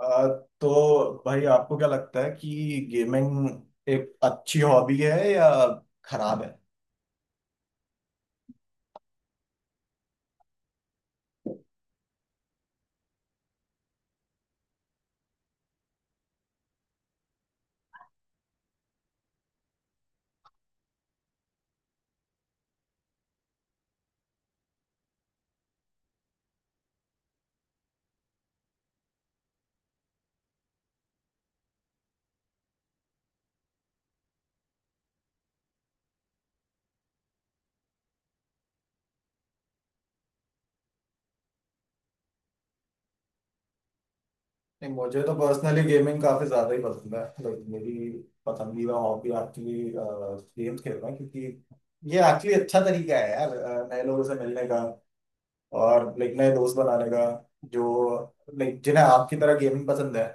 अ, तो भाई आपको क्या लगता है कि गेमिंग एक अच्छी हॉबी है या खराब है। नहीं, मुझे तो पर्सनली गेमिंग काफी ज्यादा ही पसंद है। लाइक मेरी पसंदीदा हॉबी एक्चुअली गेम्स खेलना, क्योंकि ये एक्चुअली अच्छा तरीका है यार नए लोगों से मिलने का और लाइक नए दोस्त बनाने का। जो लाइक जिन्हें आपकी तरह गेमिंग पसंद है,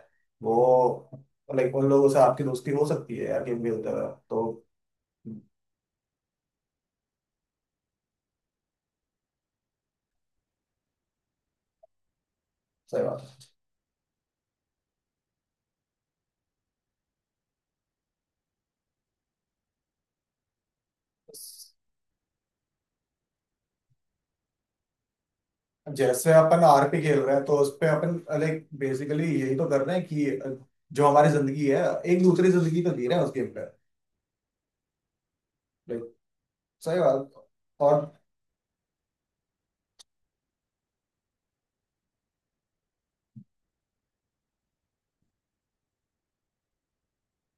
वो लाइक उन लोगों से आपकी दोस्ती हो सकती है यार गेम खेलते हुए। तो सही बात है। जैसे अपन आरपी खेल रहे हैं तो उस पे अपन लाइक बेसिकली यही तो कर रहे हैं कि जो हमारी जिंदगी है, एक दूसरी जिंदगी तो जी रहे हैं उस गेम पे। सही बात। और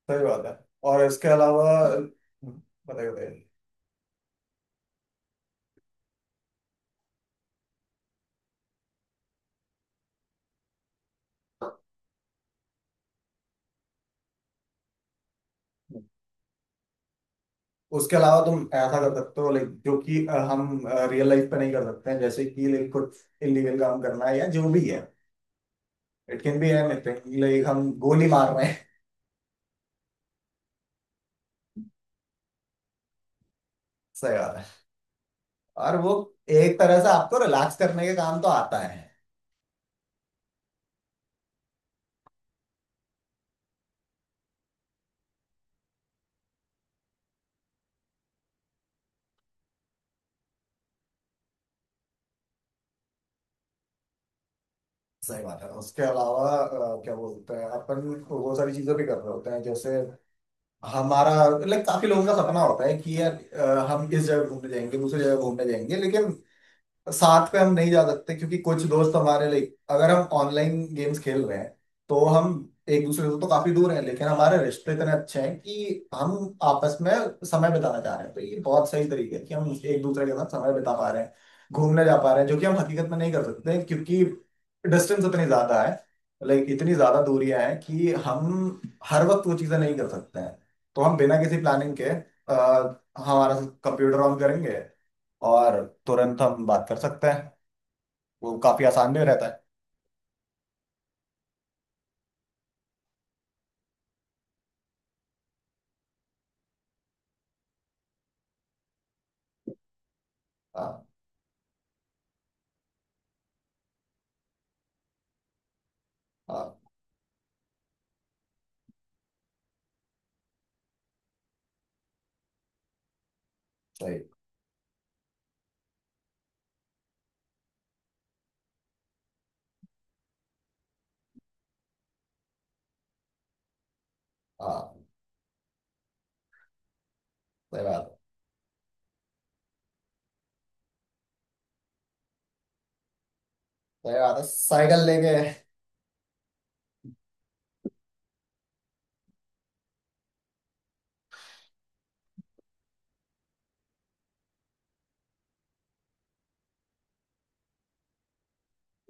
सही बात है। और इसके अलावा बताइए बताइए। उसके अलावा तुम ऐसा कर सकते हो लाइक जो कि हम रियल लाइफ पे नहीं कर सकते हैं। जैसे कि लाइक कुछ इलीगल काम करना है या जो भी है। It can be anything, like हम गोली मार रहे हैं। सही बात है। और वो एक तरह से आपको रिलैक्स करने के काम तो आता है। सही बात है। उसके अलावा क्या बोलते हैं अपन, वो सारी चीजें भी कर रहे होते हैं। जैसे हमारा लाइक काफी लोगों का सपना होता है कि यार हम इस जगह घूमने जाएंगे, दूसरी जगह घूमने जाएंगे, लेकिन साथ पे हम नहीं जा सकते, क्योंकि कुछ दोस्त हमारे लाइक अगर हम ऑनलाइन गेम्स खेल रहे हैं तो हम एक दूसरे से तो काफी दूर हैं, लेकिन हमारे रिश्ते इतने अच्छे हैं कि हम आपस में समय बिताना चाह रहे हैं। तो ये बहुत सही तरीका है कि हम एक दूसरे के साथ समय बिता पा रहे हैं, घूमने जा पा रहे हैं, जो कि हम हकीकत में नहीं कर सकते, क्योंकि डिस्टेंस इतनी ज्यादा है। लाइक इतनी ज्यादा दूरियां हैं कि हम हर वक्त वो चीजें नहीं कर सकते हैं। तो हम बिना किसी प्लानिंग के हमारा कंप्यूटर ऑन करेंगे और तुरंत हम बात कर सकते हैं। वो काफी आसान भी रहता है। हाँ हाँ। सही। हाँ, सही बात है। सही बात है, साइकिल लेके।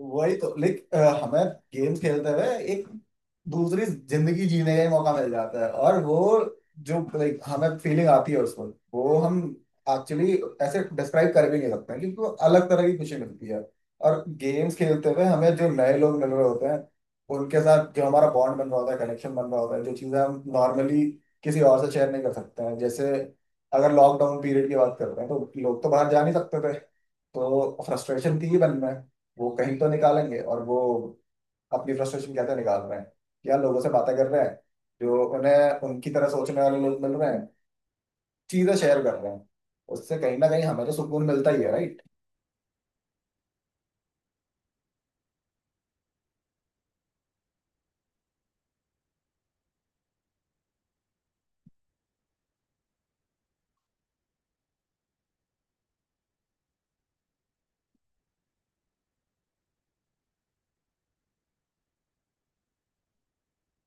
वही तो लाइक हमें गेम खेलते हुए एक दूसरी जिंदगी जीने का ही मौका मिल जाता है। और वो जो लाइक हमें फीलिंग आती है उसको वो हम एक्चुअली ऐसे डिस्क्राइब कर भी नहीं सकते हैं, क्योंकि वो अलग तरह की खुशी मिलती है। और गेम्स खेलते हुए हमें जो नए लोग मिल रहे होते हैं, उनके साथ जो हमारा बॉन्ड बन रहा होता है, कनेक्शन बन रहा होता है, जो चीज़ें हम नॉर्मली किसी और से शेयर नहीं कर सकते हैं। जैसे अगर लॉकडाउन पीरियड की बात करते हैं तो लोग तो बाहर जा नहीं सकते थे। तो फ्रस्ट्रेशन थी ही मन में। वो कहीं तो निकालेंगे। और वो अपनी फ्रस्ट्रेशन कैसे निकाल रहे हैं, या लोगों से बातें कर रहे हैं, जो उन्हें उनकी तरह सोचने वाले लोग मिल रहे हैं, चीजें शेयर कर रहे हैं। उससे कहीं ना कहीं हमें तो सुकून मिलता ही है, राइट।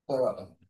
सही बात है।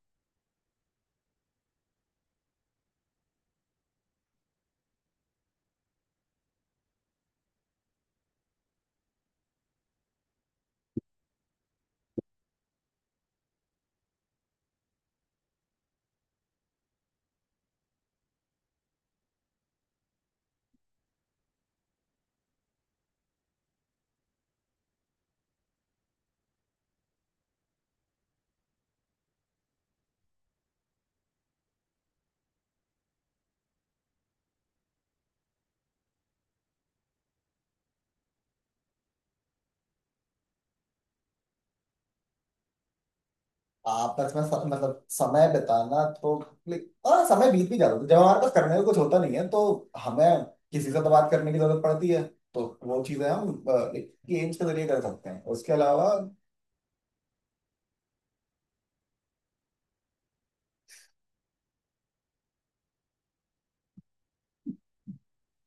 आपस में मतलब समय बिताना तो like, हाँ समय बीत भी जाता है जब हमारे पास करने को कुछ होता नहीं है। तो हमें किसी से तो बात करने की जरूरत पड़ती है। तो वो चीजें हम गेम्स के जरिए कर सकते हैं। उसके अलावा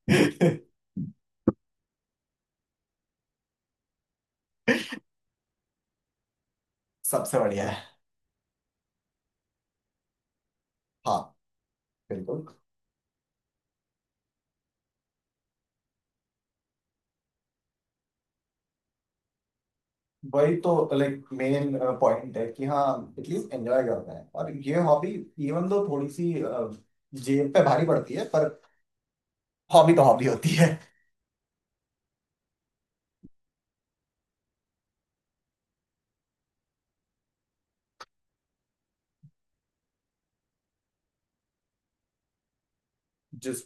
सबसे बढ़िया है। हाँ बिल्कुल। वही तो लाइक मेन पॉइंट है कि हाँ, एटलीस्ट एंजॉय करते हैं। और ये हॉबी इवन दो थोड़ी सी जेब पे भारी पड़ती है, पर हॉबी तो हॉबी होती है। जिस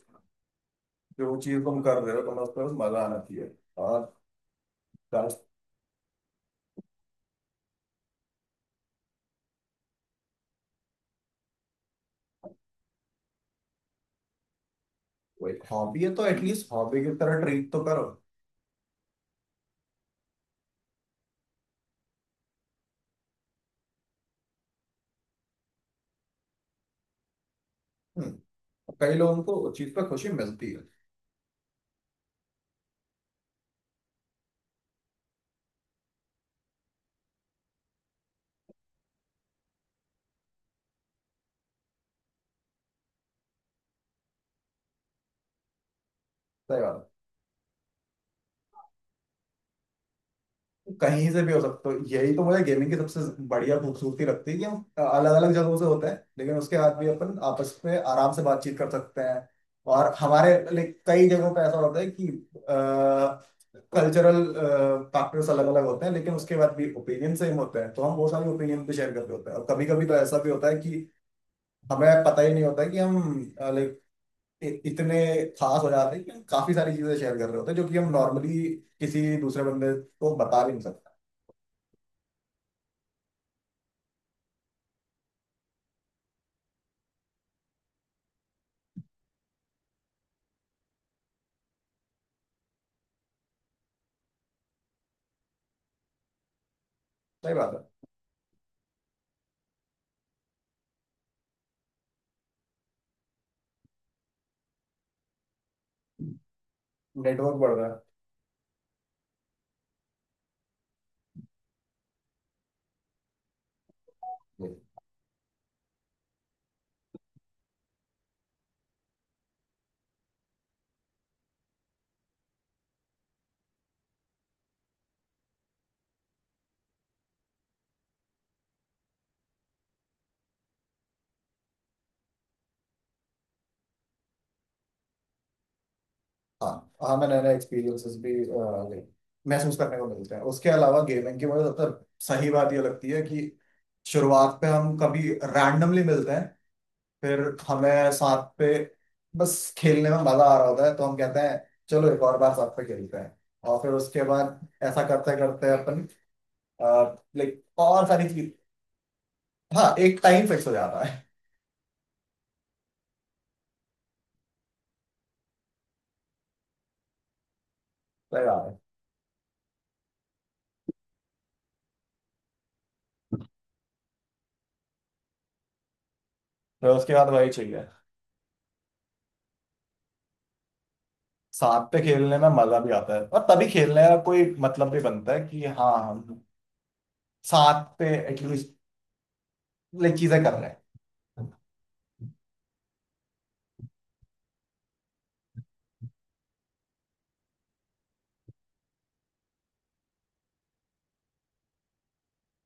जो चीज तुम कर रहे हो, तुम्हें उस पर मजा आना चाहिए। और बस वो एक हॉबी है तो एटलीस्ट हॉबी की तरह ट्रीट तो करो। हम्म। कई लोगों को उस चीज पर खुशी मिलती है। सही बात है। कहीं से भी हो सकते हो, यही तो मुझे गेमिंग की सबसे बढ़िया खूबसूरती लगती है कि हम अलग अलग जगहों से होते हैं, लेकिन उसके बाद भी अपन आपस में आराम से बातचीत कर सकते हैं। और हमारे लाइक कई जगहों पे ऐसा होता है कि कल्चरल फैक्टर्स अलग अलग होते हैं, लेकिन उसके बाद भी ओपिनियन सेम होते हैं। तो हम वो सारे ओपिनियन भी शेयर करते होते हैं। और कभी कभी तो ऐसा भी होता है कि हमें पता ही नहीं होता कि हम लाइक इतने खास हो जाते हैं कि हम काफी सारी चीजें शेयर कर रहे होते हैं, जो कि हम नॉर्मली किसी दूसरे बंदे को बता भी नहीं सकते। सही बात है। नेटवर्क बढ़ रहा है। हाँ हाँ, मैं नए नए एक्सपीरियंसेस भी like, महसूस करने को मिलते हैं। उसके अलावा गेमिंग की मुझे सबसे सही बात ये लगती है कि शुरुआत पे हम कभी रैंडमली मिलते हैं। फिर हमें साथ पे बस खेलने में मजा आ रहा होता है तो हम कहते हैं चलो एक और बार साथ पे खेलते हैं। और फिर उसके बाद ऐसा करते करते अपन लाइक और सारी चीज। हाँ, एक टाइम फिक्स हो जाता है। सही बात है। फिर उसके बाद वही चाहिए। साथ पे खेलने में मजा भी आता है और तभी खेलने का कोई मतलब भी बनता है कि हाँ हम साथ पे एटलीस्ट लाइक चीजें कर रहे हैं।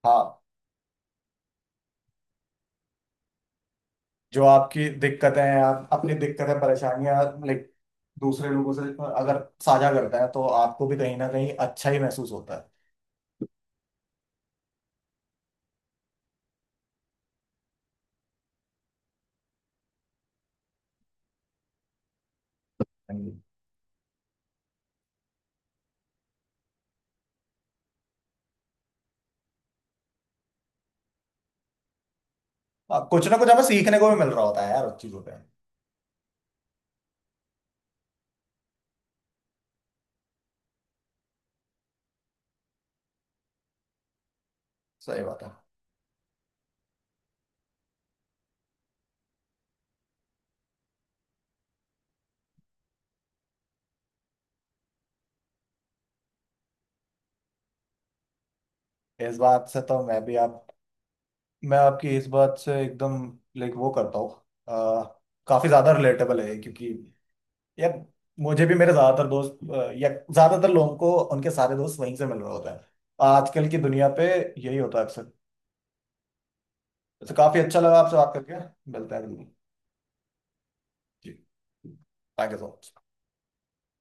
हाँ, जो आपकी दिक्कतें हैं, आप अपनी दिक्कतें परेशानियां लाइक दूसरे लोगों से अगर साझा करते हैं तो आपको भी कहीं ना कहीं अच्छा ही महसूस होता है। हाँ, कुछ ना कुछ हमें सीखने को भी मिल रहा होता है यार उस चीजों पे। सही बात है। इस बात से तो मैं भी आप मैं आपकी इस बात से एकदम लाइक वो करता हूँ। अ, काफी ज्यादा रिलेटेबल है ये, क्योंकि यार मुझे भी मेरे ज्यादातर दोस्त या ज्यादातर लोगों को उनके सारे दोस्त वहीं से मिल रहे होते हैं। आजकल की दुनिया पे यही होता है अक्सर। तो काफी अच्छा लगा आपसे बात करके। मिलते हैं। जी, थैंक यू सो मच।